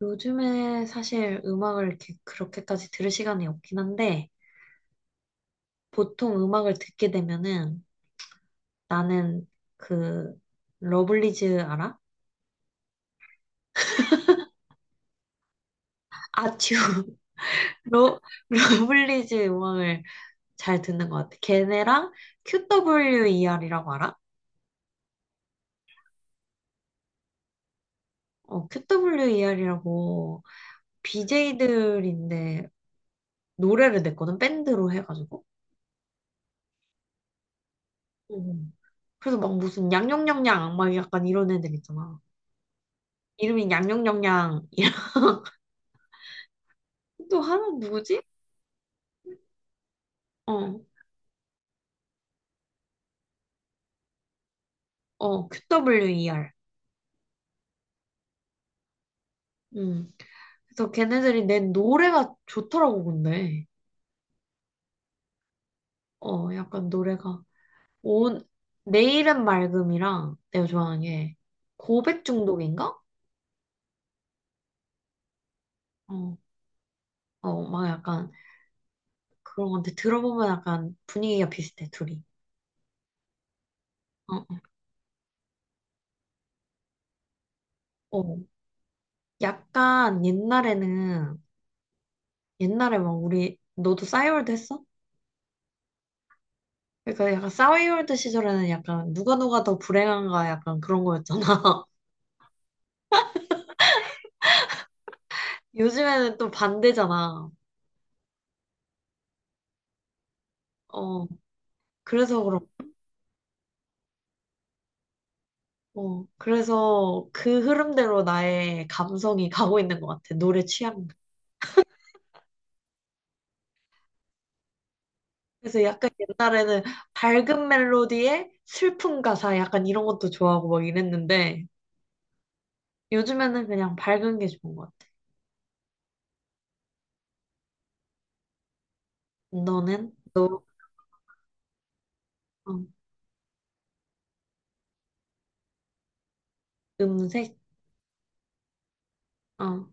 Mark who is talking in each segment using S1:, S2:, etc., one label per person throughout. S1: 요즘에 사실 음악을 이렇게 그렇게까지 들을 시간이 없긴 한데, 보통 음악을 듣게 되면은 나는 그, 러블리즈 알아? 아츄. 러, 러블리즈 음악을 잘 듣는 것 같아. 걔네랑 QWER이라고 알아? 어, QWER이라고 BJ들인데 노래를 냈거든, 밴드로 해가지고. 음. 그래서 막 무슨 양양냥양막 약간 이런 애들 있잖아. 이름이 양양냥양 또 하나 누구지? 어, QWER. 음. 그래서 걔네들이 낸 노래가 좋더라고, 근데. 어, 약간 노래가. 온, 내일은 맑음이랑 내가 좋아하는 게 고백 중독인가? 어, 어, 막 약간 그런 건데 들어보면 약간 분위기가 비슷해, 둘이. 어, 어. 약간 옛날에는, 옛날에 막 우리, 너도 싸이월드 했어? 그러니까 약간 싸이월드 시절에는 약간 누가 누가 더 불행한가 약간 그런 거였잖아. 요즘에는 또 반대잖아. 어, 그래서 그런, 어, 그래서 그 흐름대로 나의 감성이 가고 있는 것 같아. 노래 취향. 그래서 약간 옛날에는 밝은 멜로디에 슬픈 가사 약간 이런 것도 좋아하고 막 이랬는데 요즘에는 그냥 밝은 게 좋은 것 같아. 너는? 너, 어, 음색? 어.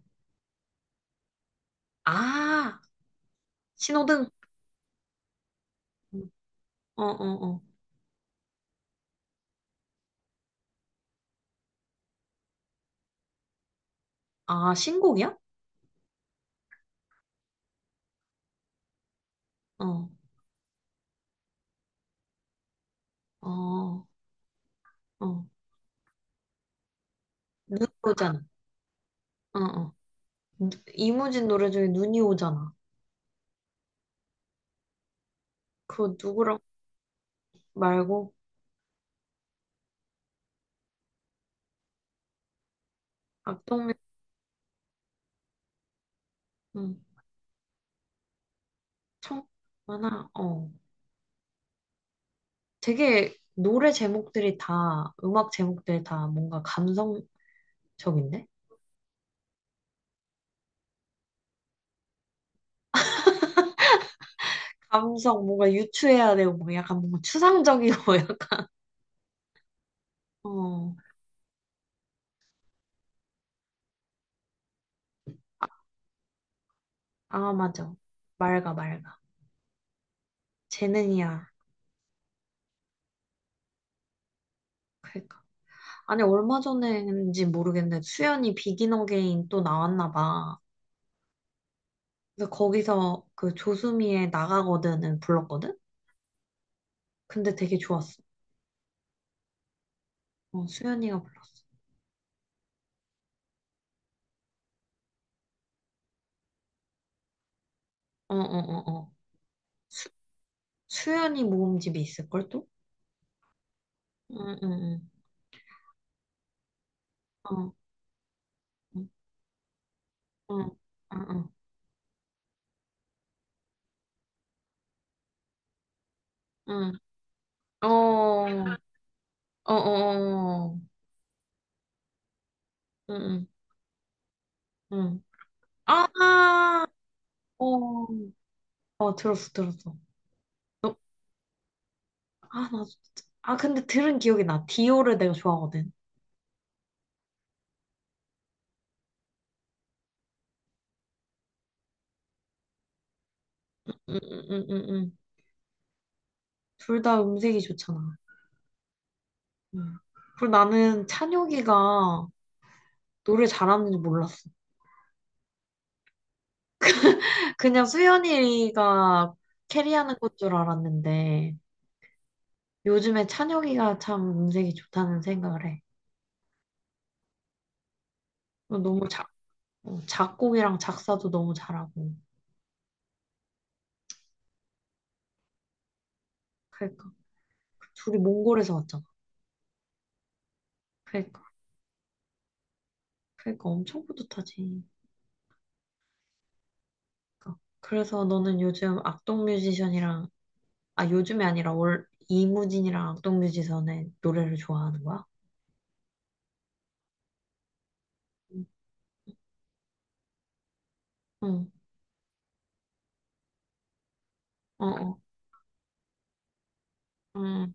S1: 아, 신호등. 어, 어, 어. 아, 신곡이야? 어, 어, 어. 눈 오잖아. 어, 어. 이무진 노래 중에 눈이 오잖아. 그거 누구라고 말고 악동뮤 음, 청하나 어 되게 노래 제목들이 다 음악 제목들이 다 뭔가 감성적인데? 감성 뭔가 유추해야 되고 뭐 약간 뭔가 추상적이고 약간 어 아 맞아 맑아 맑아 재능이야 그러니까 아니 얼마 전에인지 모르겠는데 수연이 비긴 어게인 또 나왔나 봐. 근데 거기서 그 조수미의 나가거든을 불렀거든? 근데 되게 좋았어. 어, 수연이가 불렀어. 어, 어, 어, 어. 수, 수연이 모음집이 있을걸 또? 응, 응, 응. 어, 응, 응, 응, 응. 응. 어, 어, 어, 어. 어. 응, 응, 응. 아, 어, 들었어, 들었어. 너, 아, 나 진짜. 아, 근데 들은 기억이 나. 디오를 내가 좋아하거든. 응, 응, 응, 응. 응. 둘 다 음색이 좋잖아. 응. 그리고 나는 찬혁이가 노래 잘하는지 몰랐어. 그냥 수연이가 캐리하는 것 줄 알았는데 요즘에 찬혁이가 참 음색이 좋다는 생각을 해. 너무 작, 어, 작곡이랑 작사도 너무 잘하고. 그러니까 그 둘이 몽골에서 왔잖아. 그러니까 그러니까 엄청 뿌듯하지. 그러니까 그래서 너는 요즘 악동 뮤지션이랑 아 요즘이 아니라 올 이무진이랑 악동 뮤지션의 노래를 좋아하는 거야? 응, 응, 어, 어, 응,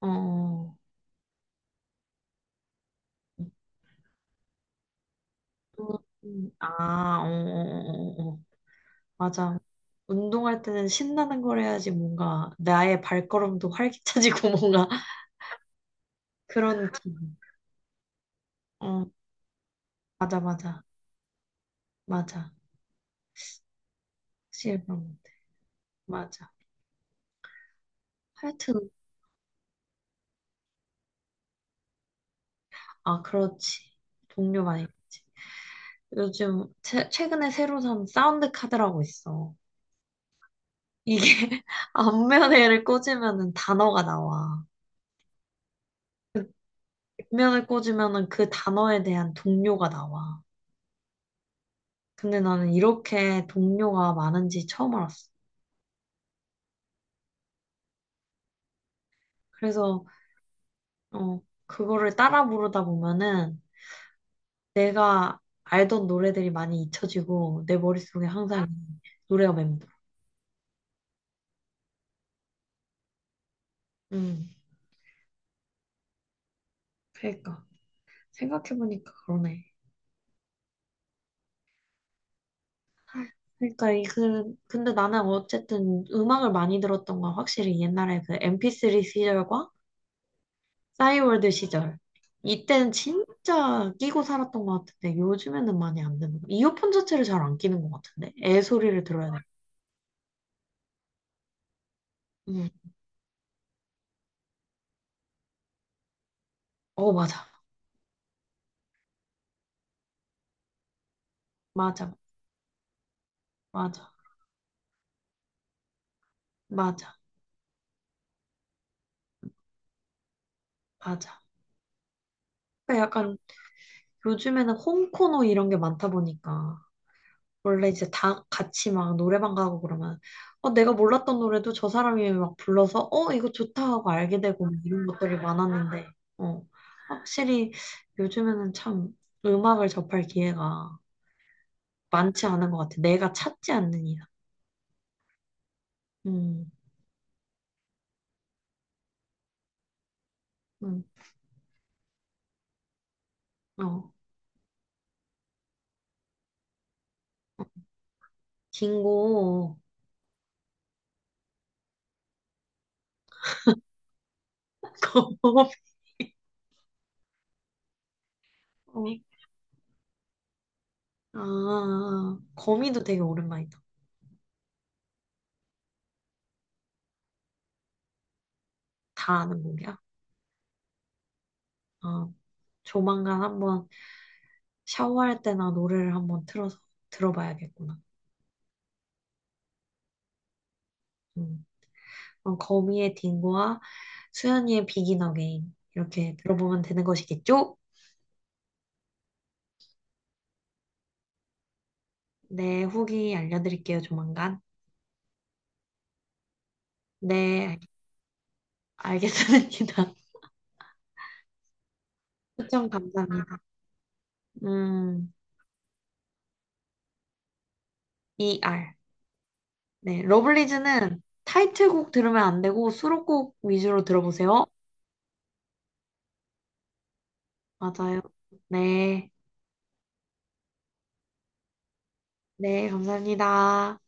S1: 어, 어. 아, 어, 어, 어, 어. 어. 맞아. 운동할 때는 신나는 걸 해야지 뭔가 나의 발걸음도 활기차지고 뭔가 그런 기분. 어, 맞아, 맞아. 맞아. 확실히 그런 것 같아. 맞아. 하여튼, 아, 그렇지. 동료 많이 있지. 요즘 최근에 새로 산 사운드 카드라고 있어. 이게 앞면에를 꽂으면은 단어가 나와. 뒷면을 꽂으면은 그 단어에 대한 동료가 나와. 근데 나는 이렇게 동료가 많은지 처음 알았어. 그래서 어, 그거를 따라 부르다 보면은 내가 알던 노래들이 많이 잊혀지고 내 머릿속에 항상 노래가 맴돌. 음, 그러니까. 생각해보니까 그러네. 그러니까 이 그, 근데 나는 어쨌든 음악을 많이 들었던 건 확실히 옛날에 그 MP3 시절과 싸이월드 시절. 이때는 진짜 끼고 살았던 것 같은데 요즘에는 많이 안 듣는 거. 이어폰 자체를 잘 안 끼는 것 같은데 애 소리를 들어야 돼. 음. 어 맞아 맞아 맞아 맞아 맞아. 그러니까 약간 요즘에는 홈코노 이런 게 많다 보니까 원래 이제 다 같이 막 노래방 가고 그러면 어 내가 몰랐던 노래도 저 사람이 막 불러서 어 이거 좋다 하고 알게 되고 막 이런 것들이 많았는데 어 확실히 요즘에는 참 음악을 접할 기회가 많지 않은 것 같아. 내가 찾지 않는 이상. 음, 음, 어, 긴고 거미. 어, 아, 거미도 되게 오랜만이다. 다 아는 곡이야. 어, 조만간 한번 샤워할 때나 노래를 한번 틀어서 들어봐야겠구나. 음. 그럼 거미의 딩고와 수현이의 비긴 어게인 이렇게 들어보면 되는 것이겠죠? 네, 후기 알려드릴게요, 조만간. 네, 알겠습니다. 추천 감사합니다. 음, ER. 네, 러블리즈는 타이틀곡 들으면 안 되고 수록곡 위주로 들어보세요. 맞아요. 네, 네, 감사합니다.